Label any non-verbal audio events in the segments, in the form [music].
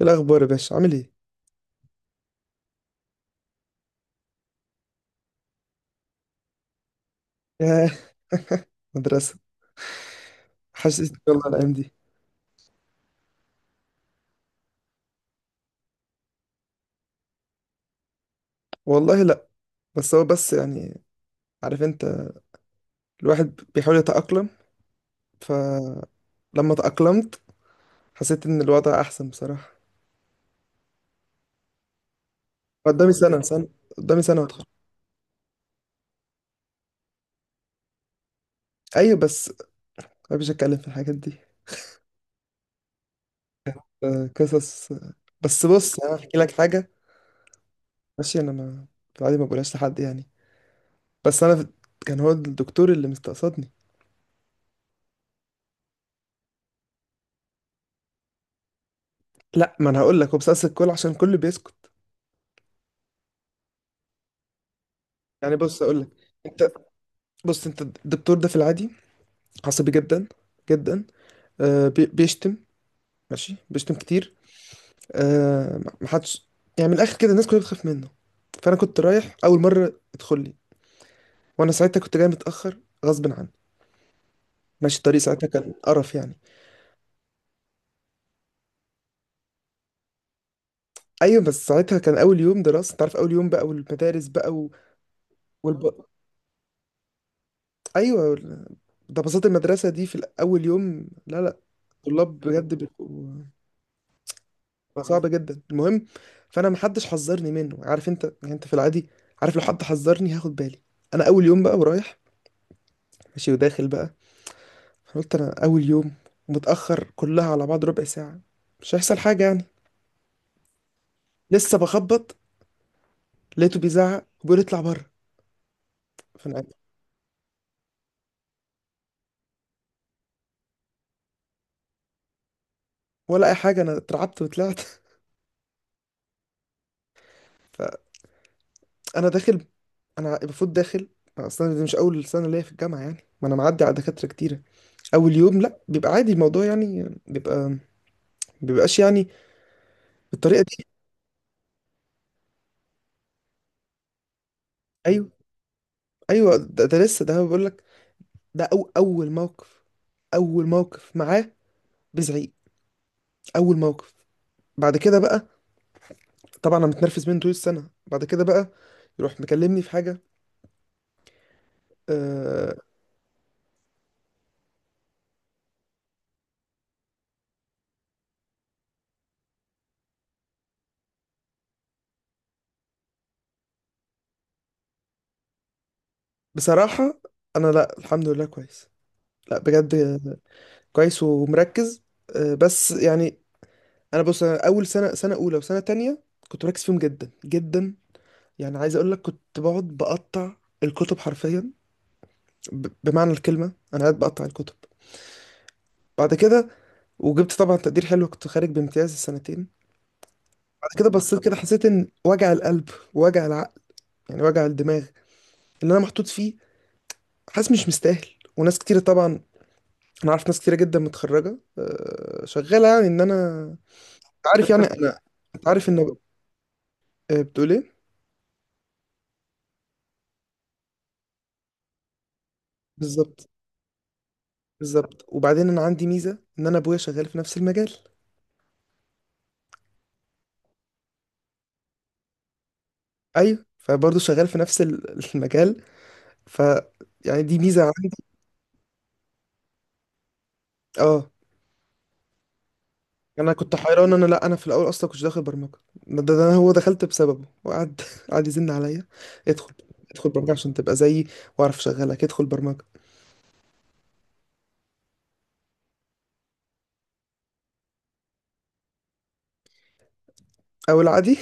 إيه الأخبار يا باشا؟ عامل إيه؟ ياه، مدرسة. حشتني والله الأيام دي. والله لأ. بس هو بس يعني، عارف أنت، الواحد بيحاول يتأقلم، فلما تأقلمت حسيت إن الوضع أحسن بصراحة. قدامي سنة سنة، قدامي سنة وأتخرج. أيوة بس مبيش أتكلم في الحاجات دي. آه، قصص، آه. بس بص، يعني أنا هحكي لك حاجة. ماشي أنا ما في العادي ما بقولهاش لحد يعني. بس أنا في... كان هو الدكتور اللي مستقصدني. لأ، ما أنا هقول لك، هو بيستقصد الكل عشان الكل بيسكت. يعني بص أقول لك. انت، بص انت الدكتور ده في العادي عصبي جدا، جدا. بيشتم، ماشي بيشتم كتير. محدش، يعني من الاخر كده الناس كلها بتخاف منه. فانا كنت رايح اول مره ادخل لي، وانا ساعتها كنت جاي متاخر غصب عني، ماشي الطريق ساعتها كان قرف يعني. ايوه بس ساعتها كان اول يوم دراسه، انت عارف اول يوم بقى والمدارس بقى و... والب... ايوه، ده بساطة المدرسه دي في اول يوم. لا لا، طلاب بجد بيبقوا صعب جدا. المهم، فانا محدش حذرني منه. عارف انت، يعني انت في العادي، عارف لو حد حذرني هاخد بالي. انا اول يوم بقى ورايح، ماشي وداخل بقى. أنا قلت انا اول يوم متاخر، كلها على بعض ربع ساعه، مش هيحصل حاجه يعني. لسه بخبط لقيته بيزعق وبيقول اطلع بره، فانا قاعد. ولا اي حاجه، انا اترعبت وطلعت. [laughs] فانا داخل، انا المفروض داخل، اصلا دي مش اول سنه ليا في الجامعه يعني، ما انا معدي على دكاتره كتيره. اول يوم لا بيبقى عادي الموضوع يعني، بيبقى بيبقاش يعني بالطريقه دي. أيوه. ايوه ده، لسه ده بيقول لك. ده أو اول موقف، اول موقف معاه بزعيق، اول موقف. بعد كده بقى طبعا انا متنرفز منه طول السنه. بعد كده بقى يروح مكلمني في حاجه. أه. بصراحه، انا لا الحمد لله كويس. لا بجد، كويس ومركز. بس يعني، انا بص، أنا اول سنه سنه اولى وسنه تانية كنت مركز فيهم جدا جدا. يعني عايز اقول لك كنت بقعد بقطع الكتب حرفيا. بمعنى الكلمه انا قاعد بقطع الكتب. بعد كده وجبت طبعا تقدير حلو، كنت خارج بامتياز السنتين. بعد كده بصيت كده، حسيت ان وجع القلب، وجع العقل، يعني وجع الدماغ اللي انا محطوط فيه، حاسس مش مستاهل. وناس كتيرة طبعا، انا عارف ناس كتيرة جدا متخرجة شغالة، يعني ان انا أنت عارف، يعني انا أنت عارف ان بتقول ايه. بالظبط، بالظبط. وبعدين انا عندي ميزة ان انا ابويا شغال في نفس المجال. ايوه فبرضه شغال في نفس [laughs] المجال. ف يعني دي ميزة عندي. اه، انا كنت حيران، انا لا انا في الاول اصلا كنتش داخل برمجه. ده هو دخلت بسببه، وقعد [laughs] قعد يزن عليا، ادخل، ادخل برمجه عشان تبقى زيي واعرف اشغلك، ادخل برمجه. او العادي.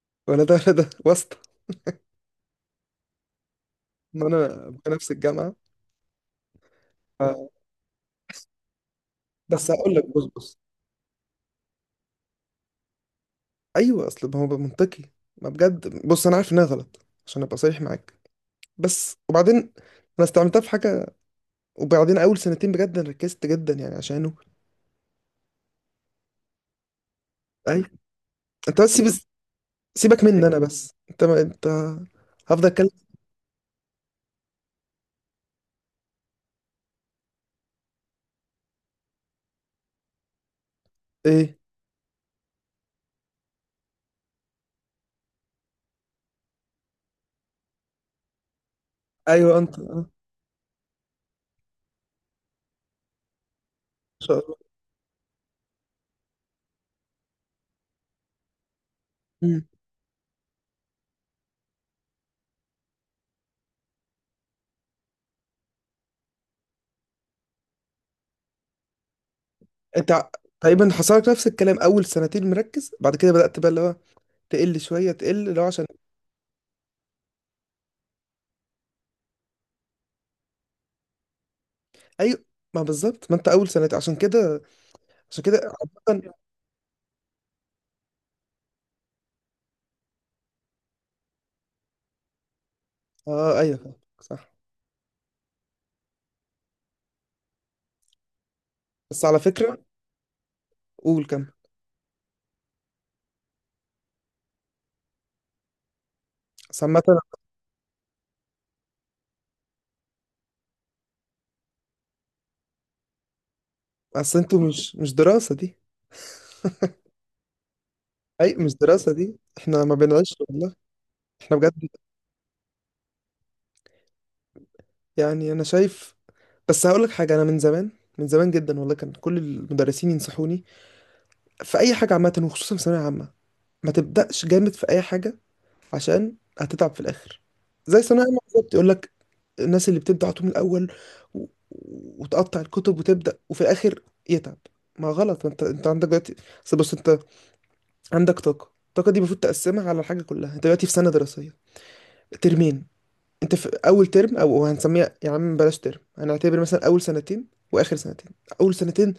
[laughs] ولا ده ولا ده واسطه. ما انا في نفس الجامعه. ف- بس هقول لك بص بص. ايوه، اصل ما هو منطقي. ما بجد بص، انا عارف انها غلط عشان ابقى صريح معاك. بس وبعدين انا استعملتها في حاجه. وبعدين اول سنتين بجد أنا ركزت جدا يعني عشانه. اي، انت بس سيبك مني انا، بس انت ما انت هفضل اتكلم. ايه. ايوه انت، ان شاء الله. مم. انت ع- تقريبا حصل لك نفس الكلام، اول سنتين مركز، بعد كده بدأت بقى اللي هو تقل شويه، تقل اللي هو عشان. ايوه، ما بالظبط، ما انت اول سنتين عشان كده، عشان كده. عامه. اه ايوه فاهمك، صح. بس على فكره، قول كم. بس عامه، اصل انتوا مش دراسه دي. اي مش دراسه دي، احنا ما بنعيش والله، احنا بجد. يعني انا شايف، بس هقول لك حاجه، انا من زمان، من زمان جدا والله كان كل المدرسين ينصحوني في اي حاجه عامه، وخصوصا في ثانويه عامه، ما تبدأش جامد في أي حاجة عشان هتتعب في الآخر. زي ثانوية عامة بالظبط يقول لك، الناس اللي بتبدأ على طول من الأول و... وتقطع الكتب وتبدأ، وفي الآخر يتعب. ما غلط، ما انت عندك دلوقتي، اصل بص، انت عندك طاقة، الطاقة دي المفروض تقسمها على الحاجة كلها. انت دلوقتي في سنة دراسية، ترمين. انت في أول ترم، أو هنسميها يا عم بلاش ترم، هنعتبر مثلا أول سنتين وآخر سنتين. أول سنتين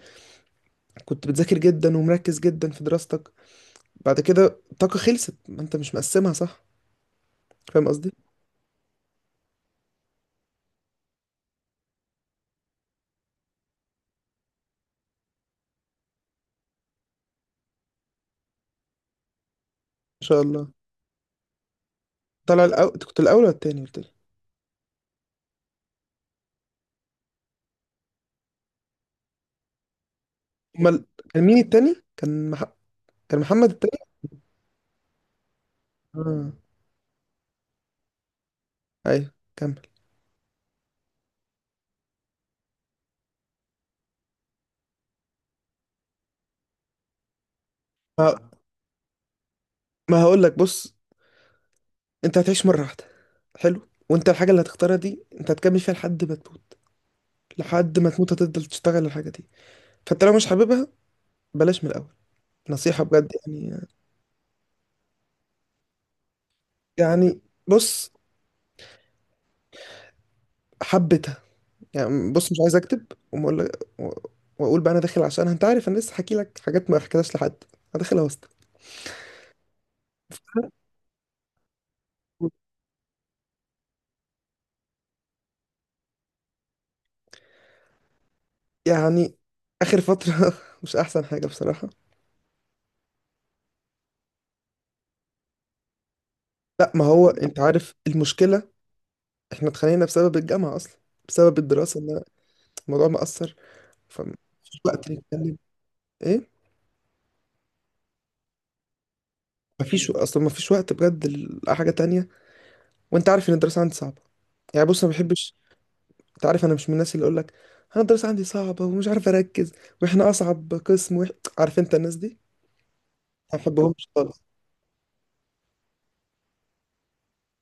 كنت بتذاكر جدا ومركز جدا في دراستك. بعد كده الطاقة خلصت، ما انت مش مقسمها صح، فاهم قصدي. شاء الله. طلع الأول، أنت كنت الأول ولا التاني؟ قلت لي. أمال، كان مين التاني؟ كان مح... كان محمد التاني؟ آه، أيوه كمل. ما, ما هقول لك بص، أنت هتعيش مرة واحدة حلو، وأنت الحاجة اللي هتختارها دي أنت هتكمل فيها لحد ما تموت، لحد ما تموت هتفضل تشتغل الحاجة دي. فأنت لو مش حاببها، بلاش من الأول، نصيحة بجد يعني. يعني بص حبيتها، يعني بص مش عايز أكتب وأقول، وأقول بقى أنا داخل عشان أنت عارف أنا لسه حكي لك حاجات ما حكيتهاش لحد. أنا داخل أوسط، يعني اخر فتره [laughs] مش احسن حاجه بصراحه. لا ما هو انت عارف المشكله، احنا اتخانقنا بسبب الجامعه اصلا، بسبب الدراسه، ان الموضوع مأثر، فمفيش وقت نتكلم. ايه، مفيش اصلا، مفيش وقت بجد لحاجه تانية. وانت عارف ان الدراسه عندي صعبه. يعني بص انا ما بحبش، انت عارف انا مش من الناس اللي اقول لك انا الدراسه عندي صعبه ومش عارف اركز، واحنا اصعب قسم، وإح... عارف انت الناس دي ما بحبهمش خالص.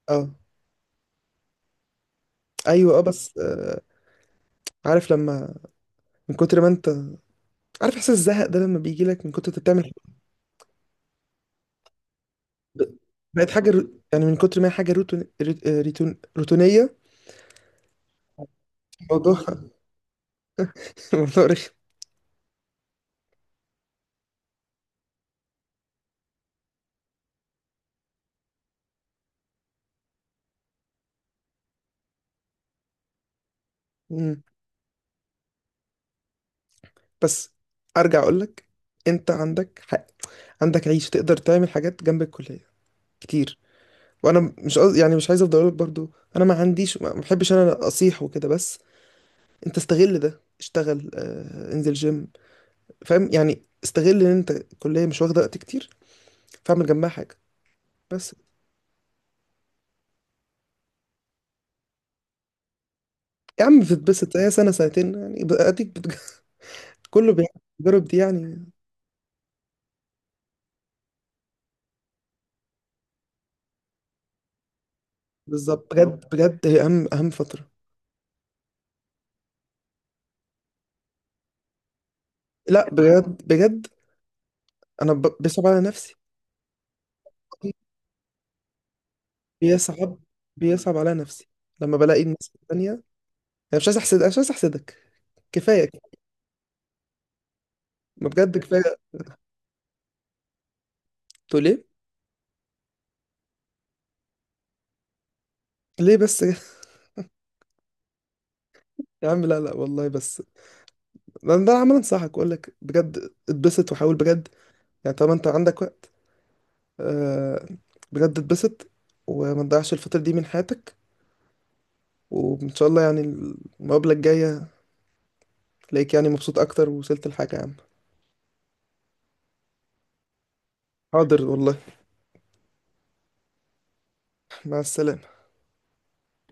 اه ايوه اه، بس آه. عارف لما، من كتر ما انت عارف احساس الزهق ده، لما بيجي لك من كتر انت بتعمل حاجة- بقت حاجه رو... يعني من كتر ما هي حاجه روتونيه الموضوع. [laughs] الموضوع رخم. مم. بس ارجع اقول لك، انت عندك حق، عندك عيش، تقدر تعمل حاجات جنب الكليه كتير. وانا مش قصدي يعني، مش عايز افضل اقول لك برضو، انا ما عنديش، ما بحبش انا اصيح وكده، بس انت استغل ده، اشتغل، انزل جيم، فاهم؟ يعني استغل ان انت الكليه مش واخده وقت كتير، فاعمل جنبها حاجه، بس. يا عم بتتبسط، هي سنة سنتين يعني، اديك بتج... [laughs] كله بيجرب دي يعني. بالظبط، بجد بجد هي اهم اهم فترة. لا بجد بجد، انا بيصعب على نفسي، بيصعب، بيصعب على نفسي لما بلاقي الناس التانية. انا مش عايز احسد أنا مش عايز احسدك، كفاية كده. ما بجد كفاية. تقول ليه؟ ليه بس كده؟ [laughs] يا عم لا لا والله، بس ده عمال انصحك اقول لك بجد، اتبسط وحاول بجد يعني، طالما انت عندك وقت، آه، بجد اتبسط وما تضيعش الفترة دي من حياتك. وان شاء الله يعني المقابله الجايه تلاقيك يعني مبسوط اكتر، ووصلت لحاجه يا عم. حاضر والله. مع السلامه.